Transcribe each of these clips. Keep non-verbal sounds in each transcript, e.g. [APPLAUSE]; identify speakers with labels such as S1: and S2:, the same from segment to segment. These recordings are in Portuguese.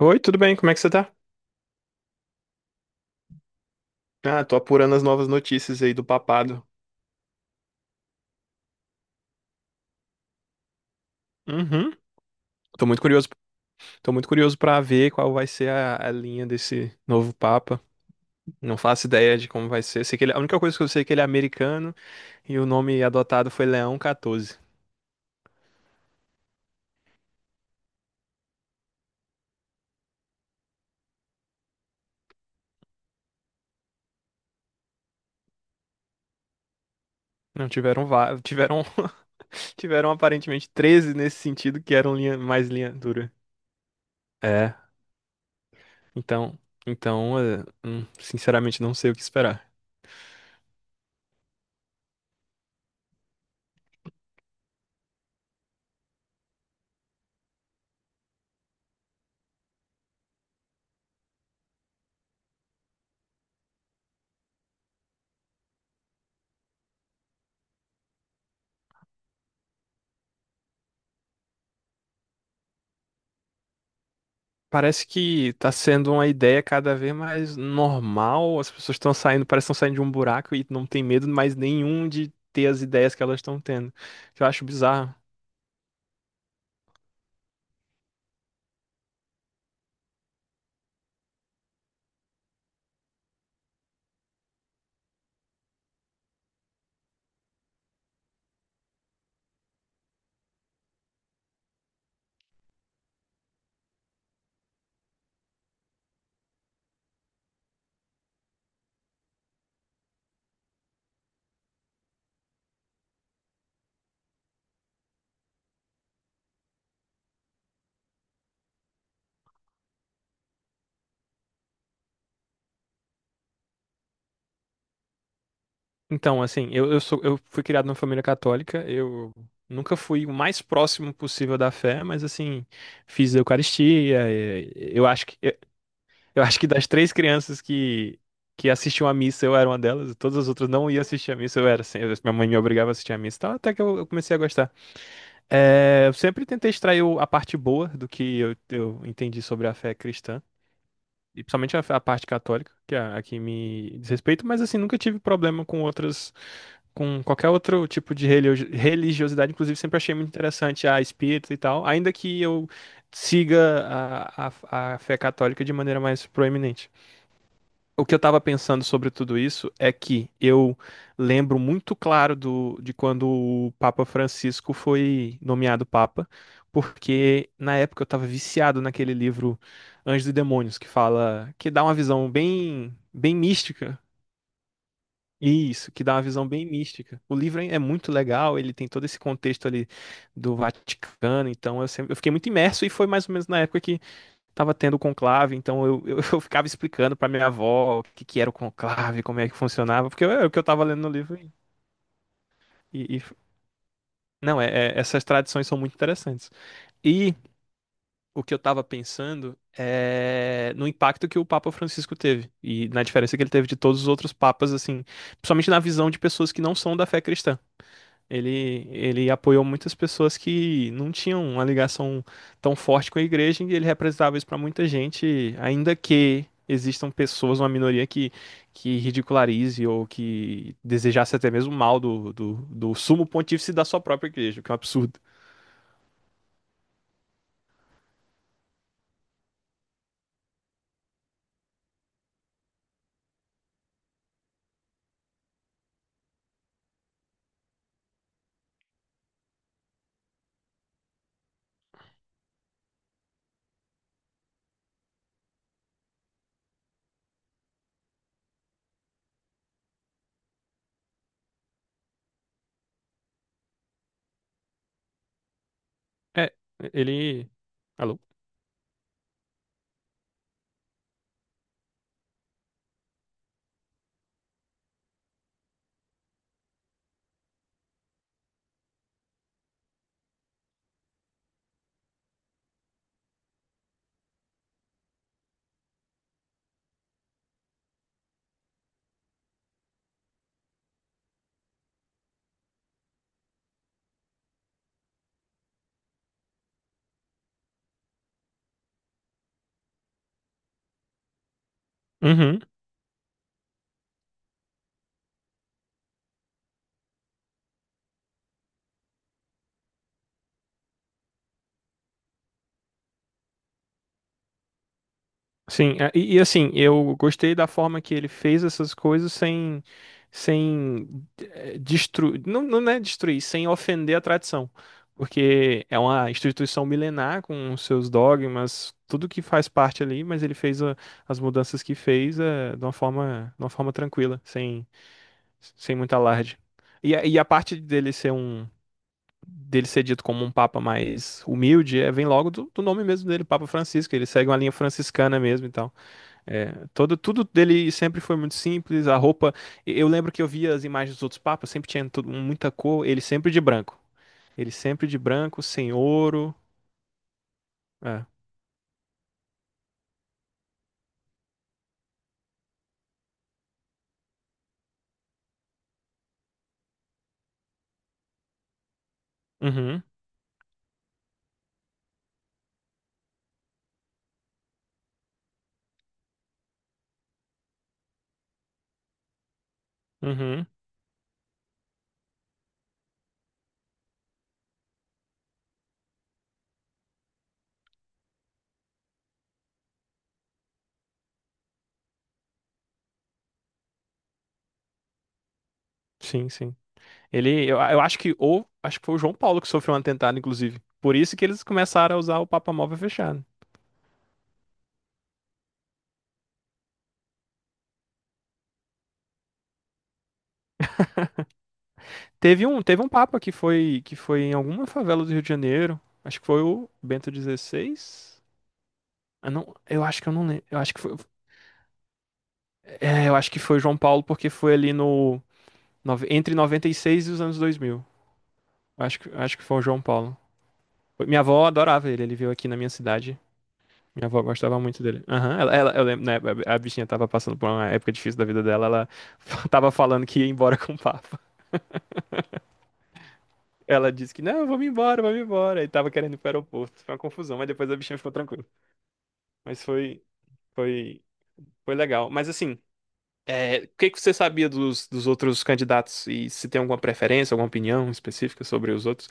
S1: Oi, tudo bem? Como é que você tá? Ah, tô apurando as novas notícias aí do papado. Uhum. Tô muito curioso. Tô muito curioso pra ver qual vai ser a linha desse novo papa. Não faço ideia de como vai ser. Sei que ele, a única coisa que eu sei é que ele é americano e o nome adotado foi Leão 14. Não tiveram [LAUGHS] tiveram aparentemente 13 nesse sentido que eram linha mais linha dura. É. Então, então, sinceramente não sei o que esperar. Parece que tá sendo uma ideia cada vez mais normal. As pessoas estão saindo, parece que estão saindo de um buraco e não tem medo mais nenhum de ter as ideias que elas estão tendo. Que eu acho bizarro. Então, assim, eu fui criado numa família católica, eu nunca fui o mais próximo possível da fé, mas assim, fiz a Eucaristia. Eu acho que das três crianças que assistiam à missa, eu era uma delas, todas as outras não iam assistir à missa, eu era assim, minha mãe me obrigava a assistir à missa, então até que eu comecei a gostar. É, eu sempre tentei extrair a parte boa do que eu entendi sobre a fé cristã, e principalmente a parte católica, que é que me diz respeito, mas assim, nunca tive problema com outras, com qualquer outro tipo de religiosidade, inclusive sempre achei muito interessante a espírita e tal, ainda que eu siga a fé católica de maneira mais proeminente. O que eu tava pensando sobre tudo isso é que eu lembro muito claro de quando o Papa Francisco foi nomeado Papa, porque na época eu tava viciado naquele livro Anjos e Demônios, que fala, que dá uma visão bem, bem mística. Isso, que dá uma visão bem mística. O livro é muito legal, ele tem todo esse contexto ali do Vaticano, então eu fiquei muito imerso e foi mais ou menos na época tava tendo conclave, então [LAUGHS] eu ficava explicando pra minha avó que era o conclave, como é que funcionava, porque é o que eu tava lendo no livro. E- não, é, é- essas tradições são muito interessantes. E o que eu tava pensando é no impacto que o Papa Francisco teve e na diferença que ele teve de todos os outros papas, assim, principalmente na visão de pessoas que não são da fé cristã. Ele apoiou muitas pessoas que não tinham uma ligação tão forte com a igreja e ele representava isso para muita gente, ainda que existam pessoas, uma minoria que ridicularize ou que desejasse até mesmo mal do sumo pontífice da sua própria igreja, o que é um absurdo. É, ele. Alô? Uhum. Sim, é, e assim, eu gostei da forma que ele fez essas coisas sem, sem destruir, não, não é destruir, sem ofender a tradição, porque é uma instituição milenar com os seus dogmas, tudo que faz parte ali, mas as mudanças que fez é, de uma forma tranquila, sem, sem muito alarde. E a parte dele ser um dele ser dito como um papa mais humilde, é, vem logo do nome mesmo dele, Papa Francisco, ele segue uma linha franciscana mesmo, então é, tudo dele sempre foi muito simples. A roupa, eu lembro que eu via as imagens dos outros papas, sempre tinha muita cor. Ele sempre de branco. Ele sempre de branco, sem ouro. É. Uhum, uhum. Sim, sim. Eu acho que, acho que foi o João Paulo que sofreu um atentado, inclusive. Por isso que eles começaram a usar o Papa Móvel fechado. Teve um papa que foi em alguma favela do Rio de Janeiro. Acho que foi o Bento XVI. Eu acho que eu não lembro. Eu acho que foi o João Paulo porque foi ali no Nove- entre 96 e os anos 2000. Acho que foi o João Paulo. Minha avó adorava ele, ele veio aqui na minha cidade. Minha avó gostava muito dele. Aham, eu lembro, né, a bichinha tava passando por uma época difícil da vida dela, ela [LAUGHS] tava falando que ia embora [LAUGHS] com o Papa. Ela disse que, não, vamos embora, vamos embora. E tava querendo ir pro aeroporto. Foi uma confusão, mas depois a bichinha ficou tranquila. Mas foi, foi legal. Mas assim, é, o que que você sabia dos outros candidatos? E se tem alguma preferência, alguma opinião específica sobre os outros?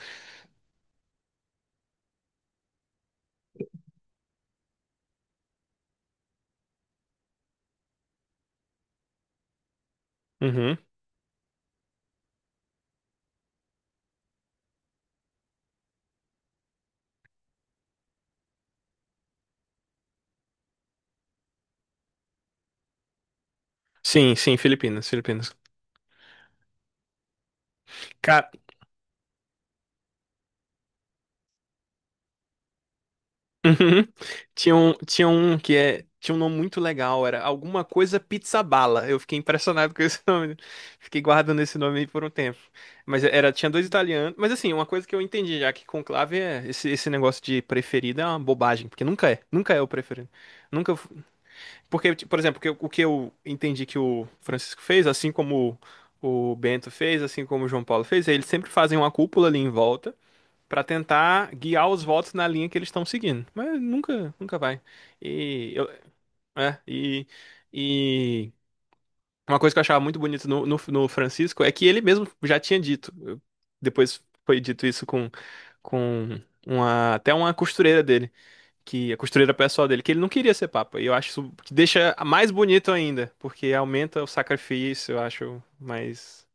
S1: Uhum. Sim, sim, Filipinas, Filipinas. Cara, uhum. Tinha um nome muito legal, era alguma coisa pizza bala. Eu fiquei impressionado com esse [LAUGHS] nome. Fiquei guardando esse nome aí por um tempo. Tinha dois italianos, mas assim, uma coisa que eu entendi já que conclave é esse negócio de preferido é uma bobagem, porque nunca é o preferido. Nunca, f- porque tipo, por exemplo, o que eu entendi que o Francisco fez, assim como o Bento fez, assim como o João Paulo fez, eles sempre fazem uma cúpula ali em volta. Pra tentar guiar os votos na linha que eles estão seguindo. Mas nunca, nunca vai. E, eu, é, e, e uma coisa que eu achava muito bonita no Francisco é que ele mesmo já tinha dito. Depois foi dito isso com até uma costureira dele, que a costureira pessoal dele, que ele não queria ser papa. E eu acho isso que deixa mais bonito ainda, porque aumenta o sacrifício, eu acho, mas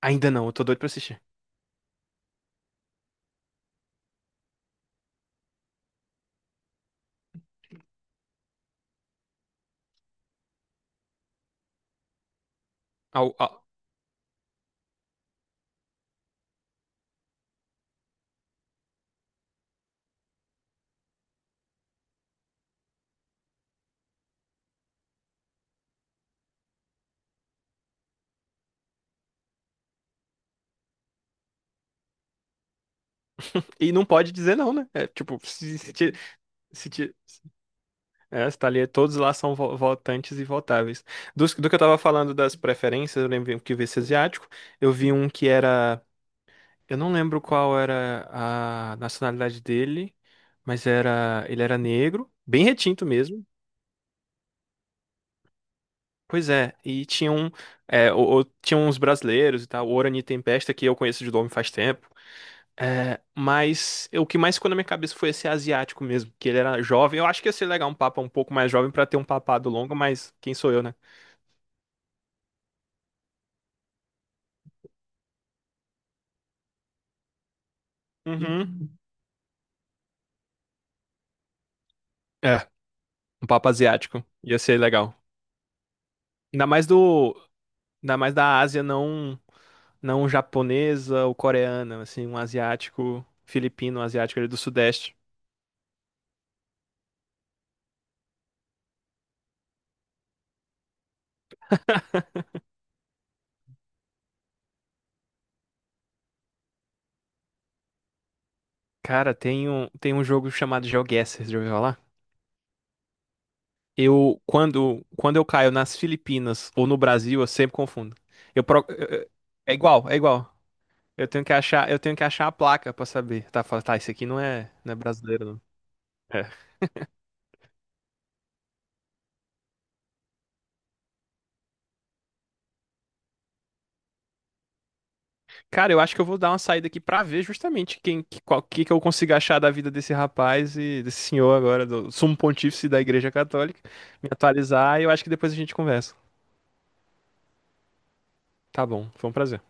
S1: ainda não, eu tô doido pra assistir. Au, au. E não pode dizer não, né? É, tipo, se, ti- se ti- é, você tá ali, todos lá são votantes e votáveis. Do que eu tava falando das preferências, eu lembro que eu vi esse asiático. Eu vi um que era. Eu não lembro qual era a nacionalidade dele, mas era. Ele era negro, bem retinto mesmo. Pois é, e tinha um. É, tinha uns brasileiros e tal, o Orani Tempesta, que eu conheço de nome faz tempo. É, mas o que mais ficou na minha cabeça foi esse asiático mesmo, que ele era jovem. Eu acho que ia ser legal um papa um pouco mais jovem pra ter um papado longo, mas quem sou eu, né? Uhum. É, um papo asiático. Ia ser legal. Ainda mais do, ainda mais da Ásia, não, não japonesa ou coreana, assim, um asiático, filipino, um asiático ali do Sudeste. Cara, tem um jogo chamado GeoGuessr, já ouviu falar? Quando eu caio nas Filipinas ou no Brasil, eu sempre confundo. Eu, pro- eu- é igual, é igual. Eu tenho que achar a placa pra saber. Tá, fala, tá, isso aqui não é, não é brasileiro, não. Cara, eu acho que eu vou dar uma saída aqui pra ver justamente qual que eu consigo achar da vida desse rapaz e desse senhor agora, do sumo pontífice da Igreja Católica, me atualizar e eu acho que depois a gente conversa. Tá bom, foi um prazer.